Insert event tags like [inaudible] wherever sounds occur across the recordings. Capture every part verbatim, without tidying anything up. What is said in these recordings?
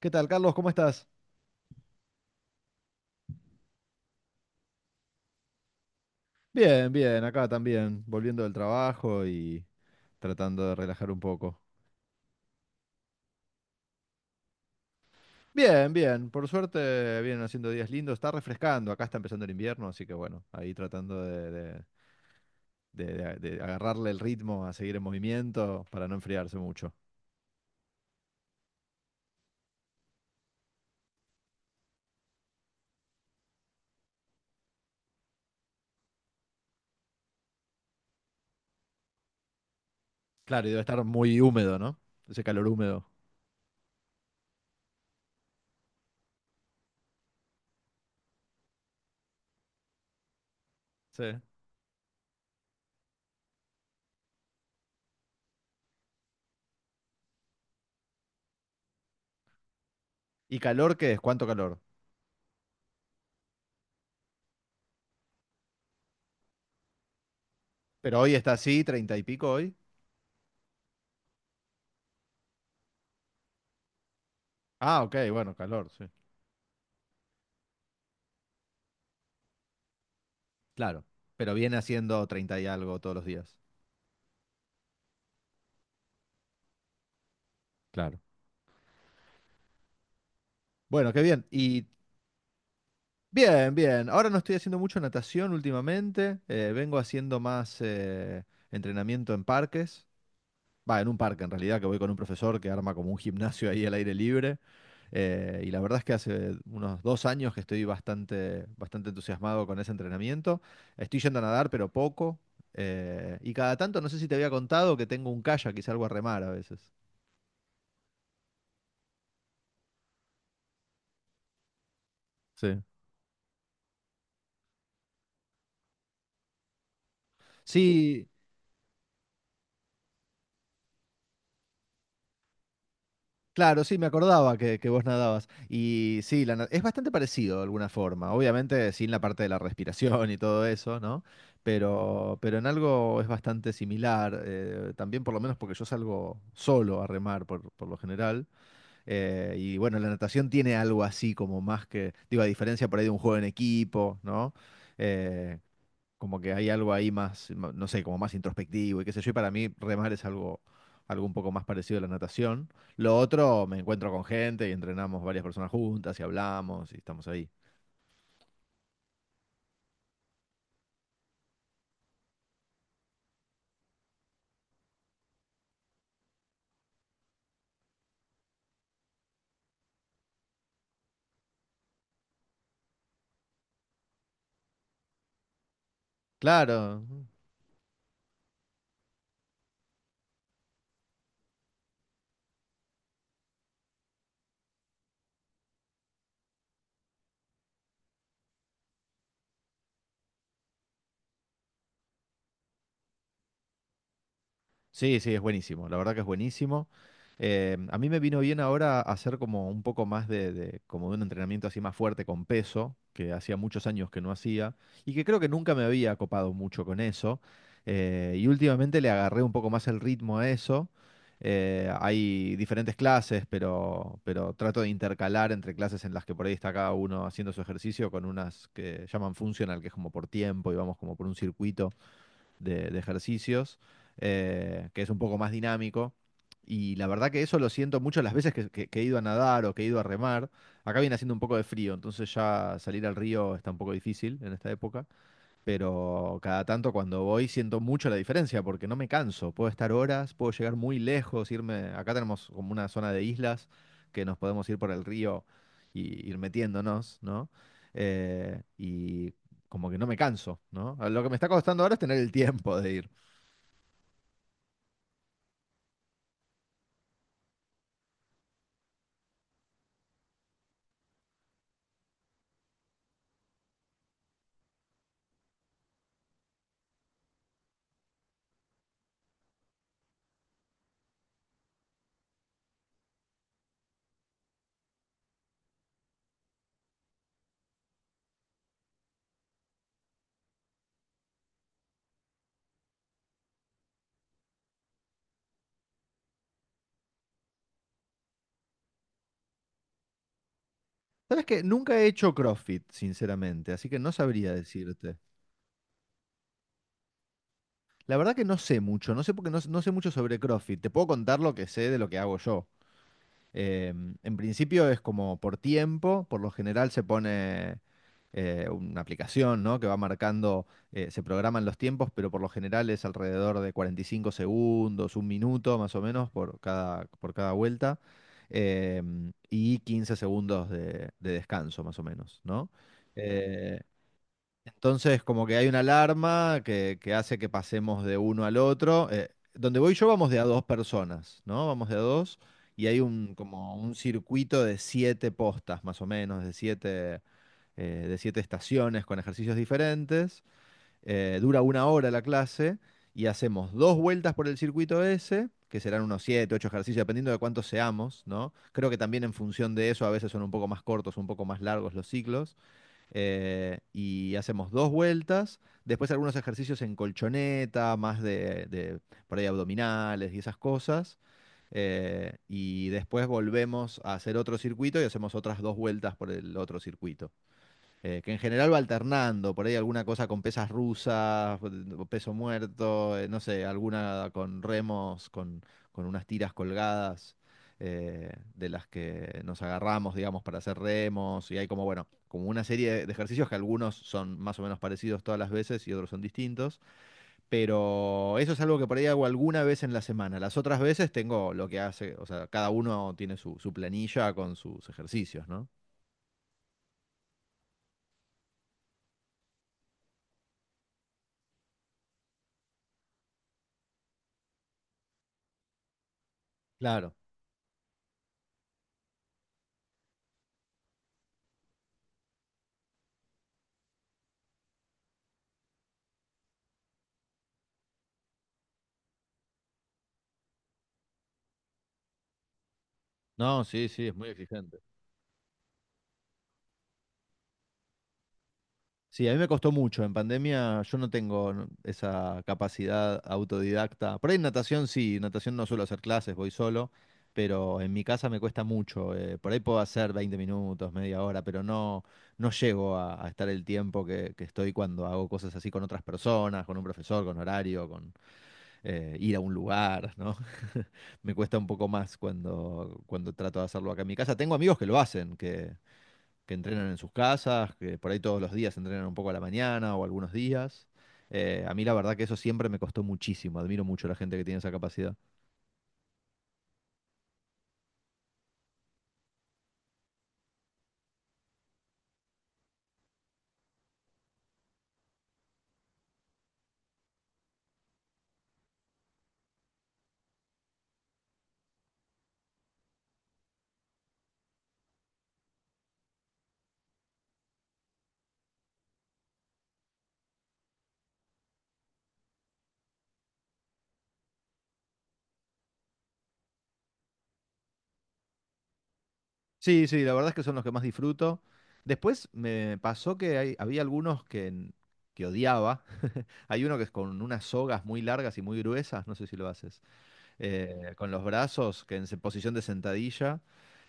¿Qué tal, Carlos? ¿Cómo estás? Bien, bien, acá también, volviendo del trabajo y tratando de relajar un poco. Bien, bien, por suerte vienen haciendo días lindos, está refrescando, acá está empezando el invierno, así que bueno, ahí tratando de, de- de- de- de agarrarle el ritmo a seguir en movimiento para no enfriarse mucho. Claro, y debe estar muy húmedo, ¿no? Ese calor húmedo. Sí. ¿Y calor qué es? ¿Cuánto calor? Pero hoy está así, treinta y pico hoy. Ah, ok, bueno, calor, sí. Claro, pero viene haciendo treinta y algo todos los días. Claro. Bueno, qué bien. Y bien, bien. Ahora no estoy haciendo mucho natación últimamente. Eh, vengo haciendo más eh, entrenamiento en parques. Va, en un parque en realidad, que voy con un profesor que arma como un gimnasio ahí al aire libre. Eh, y la verdad es que hace unos dos años que estoy bastante, bastante entusiasmado con ese entrenamiento. Estoy yendo a nadar, pero poco. Eh, y cada tanto, no sé si te había contado que tengo un kayak y salgo a remar a veces. Sí. Sí, claro, sí, me acordaba que, que vos nadabas. Y sí, la na- es bastante parecido de alguna forma. Obviamente sin la parte de la respiración y todo eso, ¿no? Pero, pero en algo es bastante similar. Eh, también por lo menos porque yo salgo solo a remar por, por lo general. Eh, y bueno, la natación tiene algo así como más que, digo, a diferencia por ahí de un juego en equipo, ¿no? Eh, Como que hay algo ahí más, no sé, como más introspectivo y qué sé yo. Y para mí remar es algo, algo un poco más parecido a la natación. Lo otro, me encuentro con gente y entrenamos varias personas juntas y hablamos y estamos ahí. Claro, sí, sí, es buenísimo. La verdad que es buenísimo. Eh, a mí me vino bien ahora hacer como un poco más de, de- como de un entrenamiento así más fuerte con peso, que hacía muchos años que no hacía, y que creo que nunca me había copado mucho con eso. Eh, y últimamente le agarré un poco más el ritmo a eso. Eh, hay diferentes clases, pero, pero trato de intercalar entre clases en las que por ahí está cada uno haciendo su ejercicio con unas que llaman funcional, que es como por tiempo y vamos como por un circuito de, de ejercicios, eh, que es un poco más dinámico. Y la verdad que eso lo siento mucho las veces que, que- que he ido a nadar o que he ido a remar. Acá viene haciendo un poco de frío, entonces ya salir al río está un poco difícil en esta época, pero cada tanto cuando voy siento mucho la diferencia porque no me canso, puedo estar horas, puedo llegar muy lejos, irme, acá tenemos como una zona de islas que nos podemos ir por el río y ir metiéndonos, ¿no? Eh, y como que no me canso, ¿no? Lo que me está costando ahora es tener el tiempo de ir. ¿Sabes que nunca he hecho CrossFit, sinceramente, así que no sabría decirte? La verdad que no sé mucho, no sé porque no, no sé mucho sobre CrossFit. Te puedo contar lo que sé de lo que hago yo. Eh, en principio es como por tiempo, por lo general se pone eh, una aplicación, ¿no?, que va marcando, eh, se programan los tiempos, pero por lo general es alrededor de cuarenta y cinco segundos, un minuto más o menos por cada, por cada vuelta, em, y quince segundos de, de descanso más o menos, ¿no? Eh, entonces, como que hay una alarma que, que hace que pasemos de uno al otro. Eh, donde voy yo vamos de a dos personas, ¿no? Vamos de a dos y hay un, como un circuito de siete postas, más o menos, de siete, eh, de siete estaciones con ejercicios diferentes. Eh, dura una hora la clase y hacemos dos vueltas por el circuito ese, que serán unos siete, ocho ejercicios, dependiendo de cuántos seamos, ¿no? Creo que también en función de eso a veces son un poco más cortos, un poco más largos los ciclos, eh, y hacemos dos vueltas, después algunos ejercicios en colchoneta, más de, de por ahí abdominales y esas cosas, eh, y después volvemos a hacer otro circuito y hacemos otras dos vueltas por el otro circuito, eh, que en general va alternando, por ahí alguna cosa con pesas rusas, peso muerto, eh, no sé, alguna con remos, con, con unas tiras colgadas eh, de las que nos agarramos, digamos, para hacer remos, y hay como, bueno, como una serie de de ejercicios que algunos son más o menos parecidos todas las veces y otros son distintos, pero eso es algo que por ahí hago alguna vez en la semana. Las otras veces tengo lo que hace, o sea, cada uno tiene su, su planilla con sus ejercicios, ¿no? Claro. No, sí, sí, es muy exigente. Sí, a mí me costó mucho. En pandemia yo no tengo, no, esa capacidad autodidacta. Por ahí en natación sí, natación no suelo hacer clases, voy solo, pero en mi casa me cuesta mucho. eh, por ahí puedo hacer veinte minutos, media hora, pero no, no llego a, a estar el tiempo que, que estoy cuando hago cosas así con otras personas, con un profesor, con horario, con eh, ir a un lugar, ¿no? [laughs] Me cuesta un poco más cuando, cuando trato de hacerlo acá en mi casa. Tengo amigos que lo hacen, que que entrenan en sus casas, que por ahí todos los días entrenan un poco a la mañana o algunos días. Eh, a mí la verdad que eso siempre me costó muchísimo, admiro mucho a la gente que tiene esa capacidad. Sí, sí, la verdad es que son los que más disfruto. Después me pasó que hay- había algunos que, que odiaba. [laughs] Hay uno que es con unas sogas muy largas y muy gruesas, no sé si lo haces. eh, con los brazos, que en se- posición de sentadilla.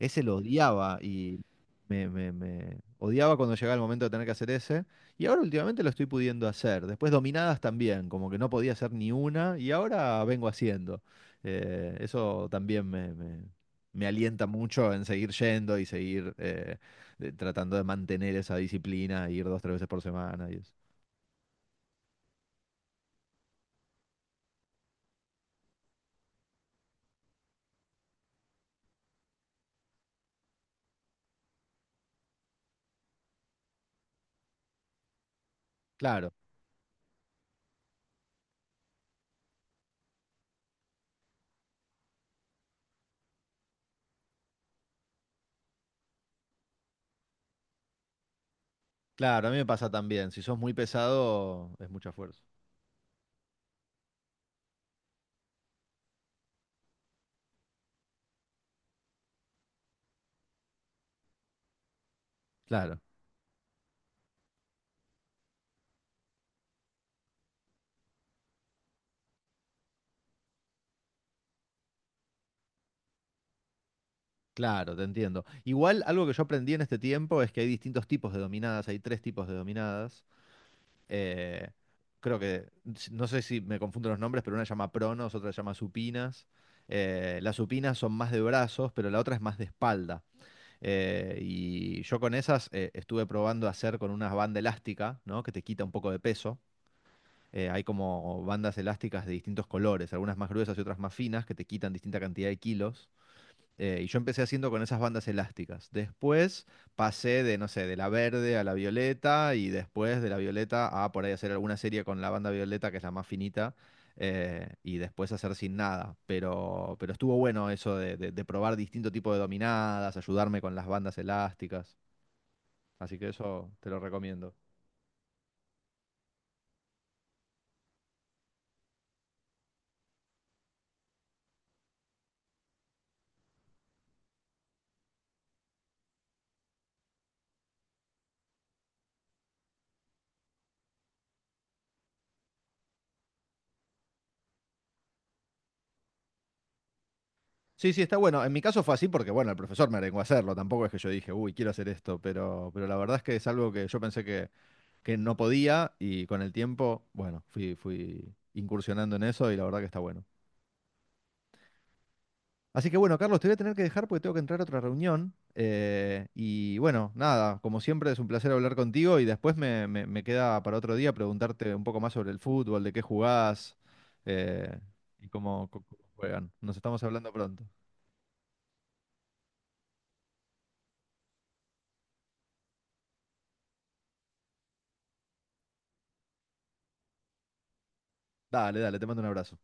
Ese lo odiaba y me, me- me- odiaba cuando llegaba el momento de tener que hacer ese. Y ahora últimamente lo estoy pudiendo hacer. Después dominadas también, como que no podía hacer ni una y ahora vengo haciendo. Eh, eso también me, me- me alienta mucho en seguir yendo y seguir eh, de- tratando de mantener esa disciplina, ir dos, tres veces por semana y eso. Claro, claro, a mí me pasa también. Si sos muy pesado, es mucha fuerza. Claro. Claro, te entiendo. Igual algo que yo aprendí en este tiempo es que hay distintos tipos de dominadas, hay tres tipos de dominadas. Eh, creo que, si, no sé si me confundo los nombres, pero una se llama pronos, otra se llama supinas. Eh, las supinas son más de brazos, pero la otra es más de espalda. Eh, y yo con esas eh, estuve probando hacer con una banda elástica, ¿no?, que te quita un poco de peso. Eh, hay como bandas elásticas de distintos colores, algunas más gruesas y otras más finas, que te quitan distinta cantidad de kilos. Eh, y yo empecé haciendo con esas bandas elásticas. Después pasé de, no sé, de la verde a la violeta y después de la violeta a por ahí hacer alguna serie con la banda violeta, que es la más finita, eh, y después hacer sin nada. Pero, pero estuvo bueno eso de, de- de probar distinto tipo de dominadas, ayudarme con las bandas elásticas. Así que eso te lo recomiendo. Sí, sí, está bueno. En mi caso fue así porque, bueno, el profesor me arengó a hacerlo. Tampoco es que yo dije, uy, quiero hacer esto, pero, pero la verdad es que es algo que yo pensé que, que no podía y con el tiempo, bueno, fui, fui incursionando en eso y la verdad que está bueno. Así que bueno, Carlos, te voy a tener que dejar porque tengo que entrar a otra reunión. eh, y bueno, nada, como siempre es un placer hablar contigo y después me, me- me queda para otro día preguntarte un poco más sobre el fútbol, de qué jugás, eh, y cómo, cómo juegan. Nos estamos hablando pronto. Dale, dale, te mando un abrazo.